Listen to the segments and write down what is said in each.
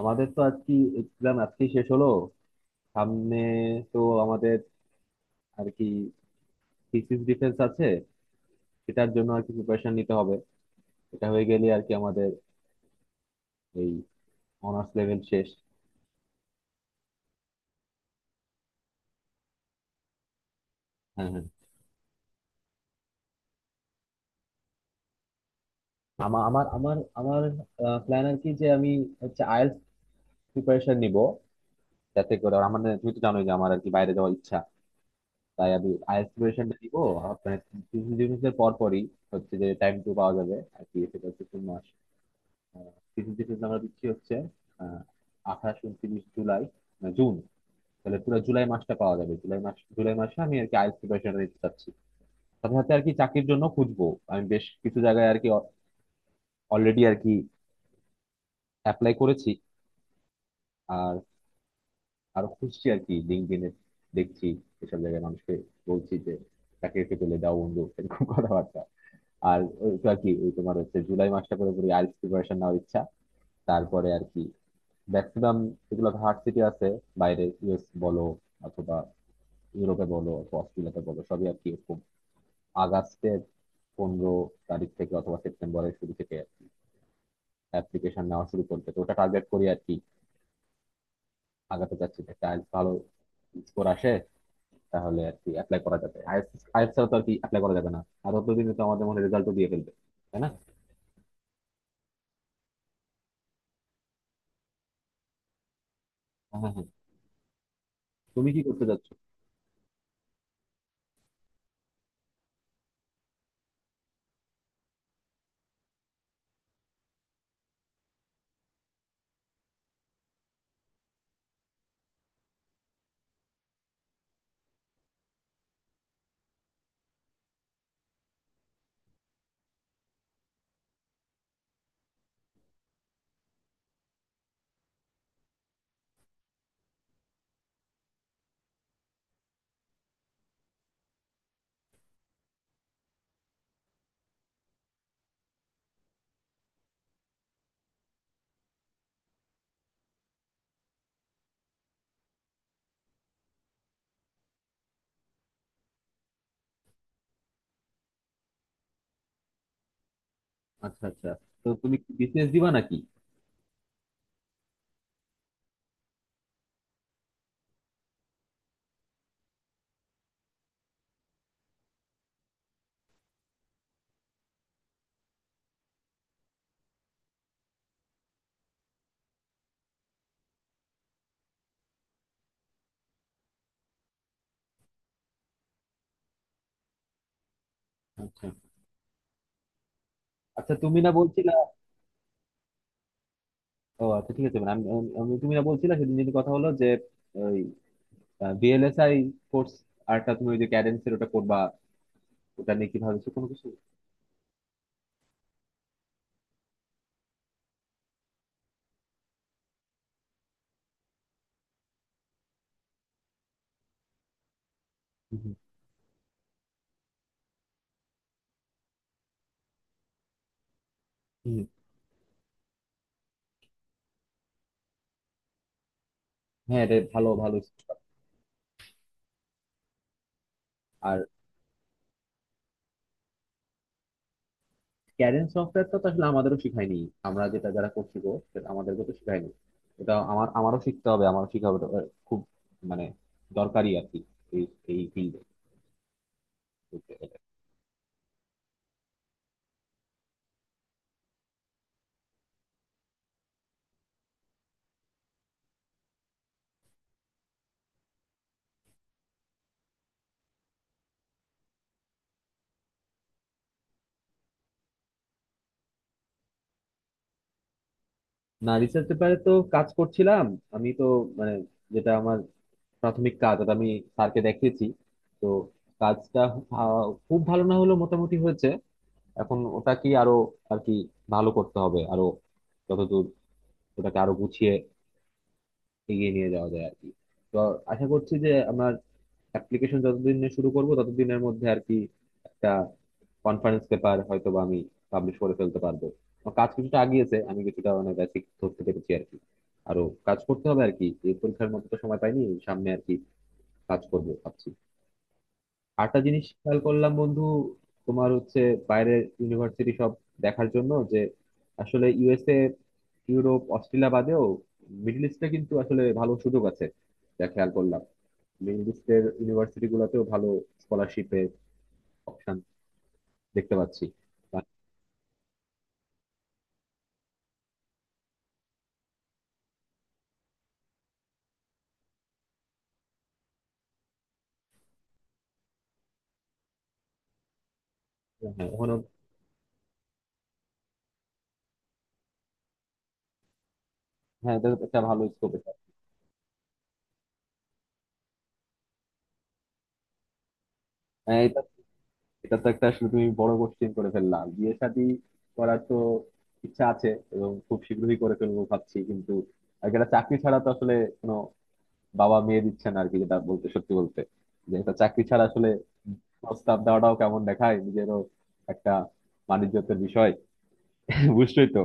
আমাদের তো আজকে এক্সাম আজকে শেষ হলো। সামনে তো আমাদের আর কি থিসিস ডিফেন্স আছে, সেটার জন্য আর কি প্রিপারেশন নিতে হবে। এটা হয়ে গেলে আর কি আমাদের এই অনার্স লেভেল শেষ। হ্যাঁ হ্যাঁ। আমার আমার আমার আমার প্ল্যান আর কি যে আমি হচ্ছে আইএলটিএস প্রিপারেশন নিব, যাতে করে আমার তুমি তো জানোই যে আমার আর কি বাইরে যাওয়ার ইচ্ছা। তাই আমি আইএলটিএস প্রিপারেশনটা নিব। আর মানে থিসিস ডিফেন্স এর পরপরই হচ্ছে যে টাইম টু পাওয়া যাবে আর কি, সেটা হচ্ছে 3 মাস। আহ, কিছু যেটা আমরা দিচ্ছি হচ্ছে আহ, 28 29 জুলাই, না, জুন। তাহলে পুরো জুলাই মাসটা পাওয়া যাবে। জুলাই মাস, জুলাই মাসে আমি আর কি আইএলটিএস প্রিপারেশনটা নিতে চাচ্ছি। সাথে সাথে আর কি চাকরির জন্য খুঁজবো। আমি বেশ কিছু জায়গায় আর কি অলরেডি আর কি অ্যাপ্লাই করেছি। আর আরো খুঁজছি আর কি লিঙ্কডইনে দেখছি, এসব জায়গায় মানুষকে বলছি যে চাকরিতে পেলে দাও বন্ধু, এরকম কথাবার্তা। আর ওই তো আর কি ওই তোমার হচ্ছে জুলাই মাসটা পুরোপুরি আইএলটিএস প্রিপারেশন নেওয়ার ইচ্ছা। তারপরে আর কি ম্যাক্সিমাম যেগুলো হার্ট সিটি আছে বাইরে, ইউএস বলো অথবা ইউরোপে বলো অথবা অস্ট্রেলিয়াতে বলো, সবই আর কি এরকম আগস্টের 15 তারিখ থেকে অথবা সেপ্টেম্বরের শুরু থেকে অ্যাপ্লিকেশন নেওয়া শুরু করবে, তো ওটা টার্গেট করি আর কি। আগাতে চাচ্ছি যে টাইলস ভালো স্কোর আসে, তাহলে আর কি অ্যাপ্লাই করা যাবে। আইএলটিএস আইএলটিএস ছাড়া তো আর কি অ্যাপ্লাই করা যাবে না। আর অতদিনে তো আমাদের মনে রেজাল্টও দিয়ে ফেলবে, তাই না। হ্যাঁ হ্যাঁ হ্যাঁ। তুমি কি করতে চাচ্ছ? আচ্ছা আচ্ছা। তো তুমি বিসিএস দিবা নাকি? আচ্ছা আচ্ছা। আচ্ছা, তুমি না বলছিলে। ও আচ্ছা, ঠিক আছে। মানে আমি আমি- আমি- তুমি না বলছিলে সেদিন, যদি কথা হলো যে ওই ভিএলএসআই কোর্স আরটা তুমি ওই যে ক্যাডেন্সের ওটা করবা, ওটা নিয়ে কি ভাবছো কোনো কিছু? হুম, হুম, হুম। হ্যাঁ রে, ভালো ভালো। আর ক্যাডেন্স সফটওয়্যারটা তো আসলে আমাদেরও শিখায়নি। আমরা যেটা যারা করছি গো, সেটা আমাদেরকে তো শিখায়নি। এটা আমার, আমারও শিখতে হবে, আমারও শিখা হবে এটা। খুব মানে দরকারি আর কি এই এই ফিল্ডে। না, রিসার্চ পেপারে তো কাজ করছিলাম। আমি তো মানে যেটা আমার প্রাথমিক কাজ এটা আমি স্যারকে দেখিয়েছি। তো কাজটা আহ, খুব ভালো না হলেও মোটামুটি হয়েছে। এখন ওটাকে আরো আর কি ভালো করতে হবে, আরো যতদূর ওটাকে আরো গুছিয়ে এগিয়ে নিয়ে যাওয়া যায় আর কি। তো আশা করছি যে আমার অ্যাপ্লিকেশন যতদিনে শুরু করব ততদিনের মধ্যে আর কি একটা কনফারেন্স পেপার হয়তো বা আমি পাবলিশ করে ফেলতে পারবো। আমার কাজ কিছুটা আগিয়েছে, আমি কিছুটা মানে বেসিক ধরতে পেরেছি আর কি। আরো কাজ করতে হবে আর কি, এই পরীক্ষার মতো তো সময় পাইনি। সামনে আর কি কাজ করবো ভাবছি। আরেকটা জিনিস খেয়াল করলাম বন্ধু, তোমার হচ্ছে বাইরের ইউনিভার্সিটি সব দেখার জন্য, যে আসলে ইউএসএ, ইউরোপ, অস্ট্রেলিয়া বাদেও মিডল ইস্টে কিন্তু আসলে ভালো সুযোগ আছে। যা খেয়াল করলাম, মিডল ইস্টের ইউনিভার্সিটি গুলোতেও ভালো স্কলারশিপের অপশন দেখতে পাচ্ছি। বা- হ্যাঁ ওখানেও। হ্যাঁ, এটা তো একটা ভালো স্কোপ এটা। হ্যাঁ এটা এটা তো একটা, আসলে তুমি বড় কোশ্চেন করে ফেললা। বিয়ে শাদী করার তো ইচ্ছা আছে, এবং খুব শীঘ্রই করে ফেলবো ভাবছি, কিন্তু আর একটা চাকরি ছাড়া তো আসলে কোনো বাবা মেয়ে দিচ্ছে না আর কি, যেটা বলতে, সত্যি বলতে, যে একটা চাকরি ছাড়া আসলে প্রস্তাব দেওয়াটাও কেমন দেখায়। নিজেরও একটা বাণিজ্যের বিষয় বুঝছোই তো।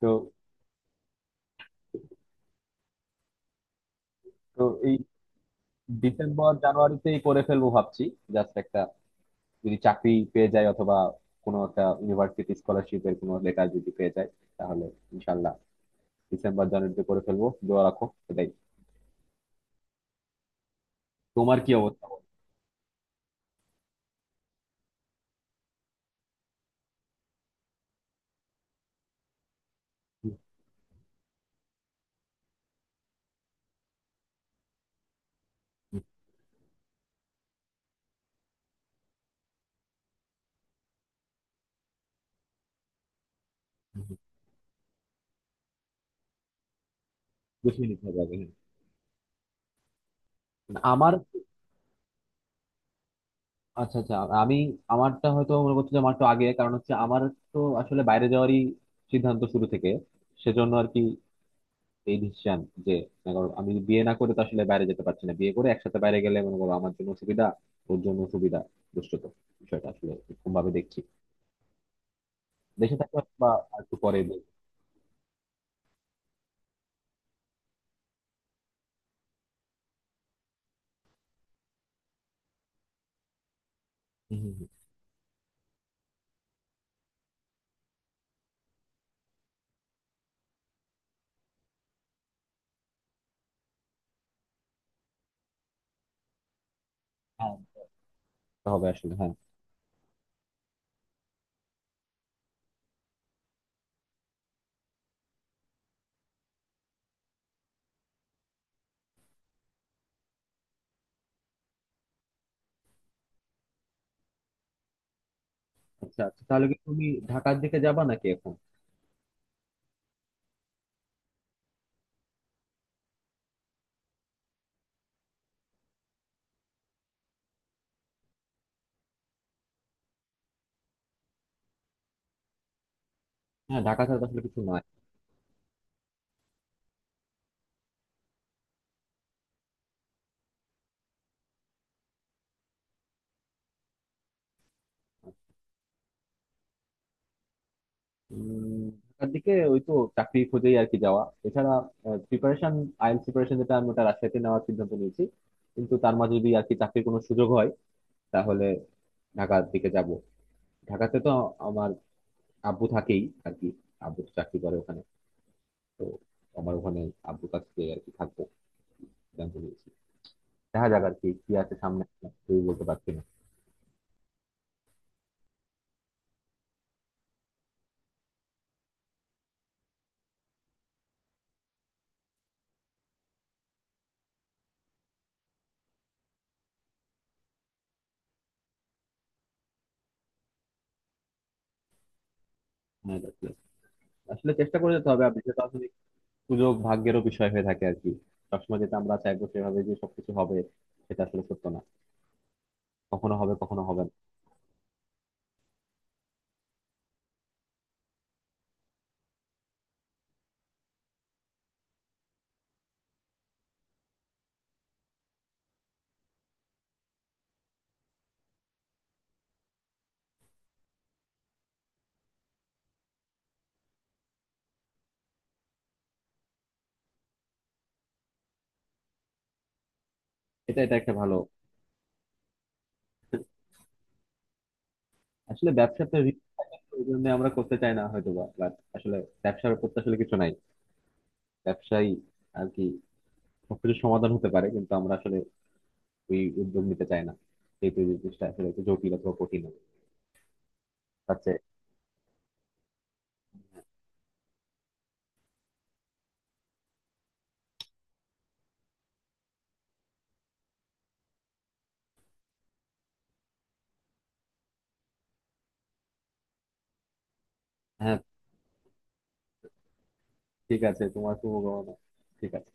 তো তো এই ডিসেম্বর জানুয়ারিতেই করে ফেলবো ভাবছি। জাস্ট একটা, যদি চাকরি পেয়ে যায়, অথবা কোনো একটা ইউনিভার্সিটি স্কলারশিপের কোনো লেটার যদি পেয়ে যায়, তাহলে ইনশাল্লাহ ডিসেম্বর জানুয়ারিতে করে ফেলবো, দোয়া রাখো। এটাই। তোমার কি অবস্থা বলো? হুম, হুম, হুম, হুম। গুছিয়ে নিতে হবে আগে, হ্যাঁ। আমার আচ্ছা আচ্ছা। আমি আমারটা হয়তো মনে করছি যে আমার একটু আগে, কারণ হচ্ছে আমার তো আসলে বাইরে যাওয়ারই সিদ্ধান্ত শুরু থেকে, সেজন্য আর কি এই ডিসিশন যে মনে করো, আমি বিয়ে না করে তো আসলে বাইরে যেতে পারছি না। বিয়ে করে একসাথে বাইরে গেলে, মনে করো, আমার জন্য সুবিধা, ওর জন্য সুবিধা, দুষ্টত, বিষয়টা আসলে এরকম ভাবে দেখছি। দেশে থাকলে বা আর একটু পরে দেখবো। হুম, হুম, হুম। হ্যাঁ হবে আসলে, হ্যাঁ। আচ্ছা আচ্ছা, তাহলে কি তুমি ঢাকার দিকে যাবা নাকি এখন? হ্যাঁ, ঢাকা ছাড়া তো আসলে কিছু নাই। উম, ঢাকার দিকে ওই তো চাকরি খুঁজেই আর কি যাওয়া। এছাড়া প্রিপারেশন, আইএলটিএস প্রিপারেশন যেটা আমি, ওটা রাজশাহীতে নেওয়ার সিদ্ধান্ত নিয়েছি। কিন্তু তার মাঝে যদি আর কি চাকরির কোনো সুযোগ হয় তাহলে ঢাকার দিকে যাব। ঢাকাতে তো আমার আব্বু থাকেই আর কি, আব্বু তো চাকরি করে ওখানে। তো আমার ওখানে আব্বুর কাছ থেকে আর কি থাকবো সিদ্ধান্ত নিয়েছি। দেখা যাক আর কি কি আছে সামনে, কিছুই বলতে পারছি না। হ্যাঁ, আর কি। আসলে চেষ্টা করে যেতে হবে। আর বিষয়টা আসলে সুযোগ, ভাগ্যেরও বিষয় হয়ে থাকে আর কি। সবসময় যেটা আমরা চাইবো সেভাবে যে সবকিছু হবে সেটা আসলে সত্য না। কখনো হবে, কখনো হবে না। এটা এটা একটা ভালো। আসলে ব্যবসাতে risk থাকে, তো ওই জন্য আমরা করতে চাই না হয়তো বা, বাট আসলে ব্যবসার উপর তো আসলে কিছু নাই। ব্যবসায়ী আর কি সবকিছু সমাধান হতে পারে, কিন্তু আমরা আসলে ওই উদ্যোগ নিতে চাই না, যেহেতু এই জিনিসটা আসলে একটু জটিল অথবা কঠিন হবে। আচ্ছা। হ্যাঁ ঠিক আছে, তোমার শুভকামনা। ঠিক আছে।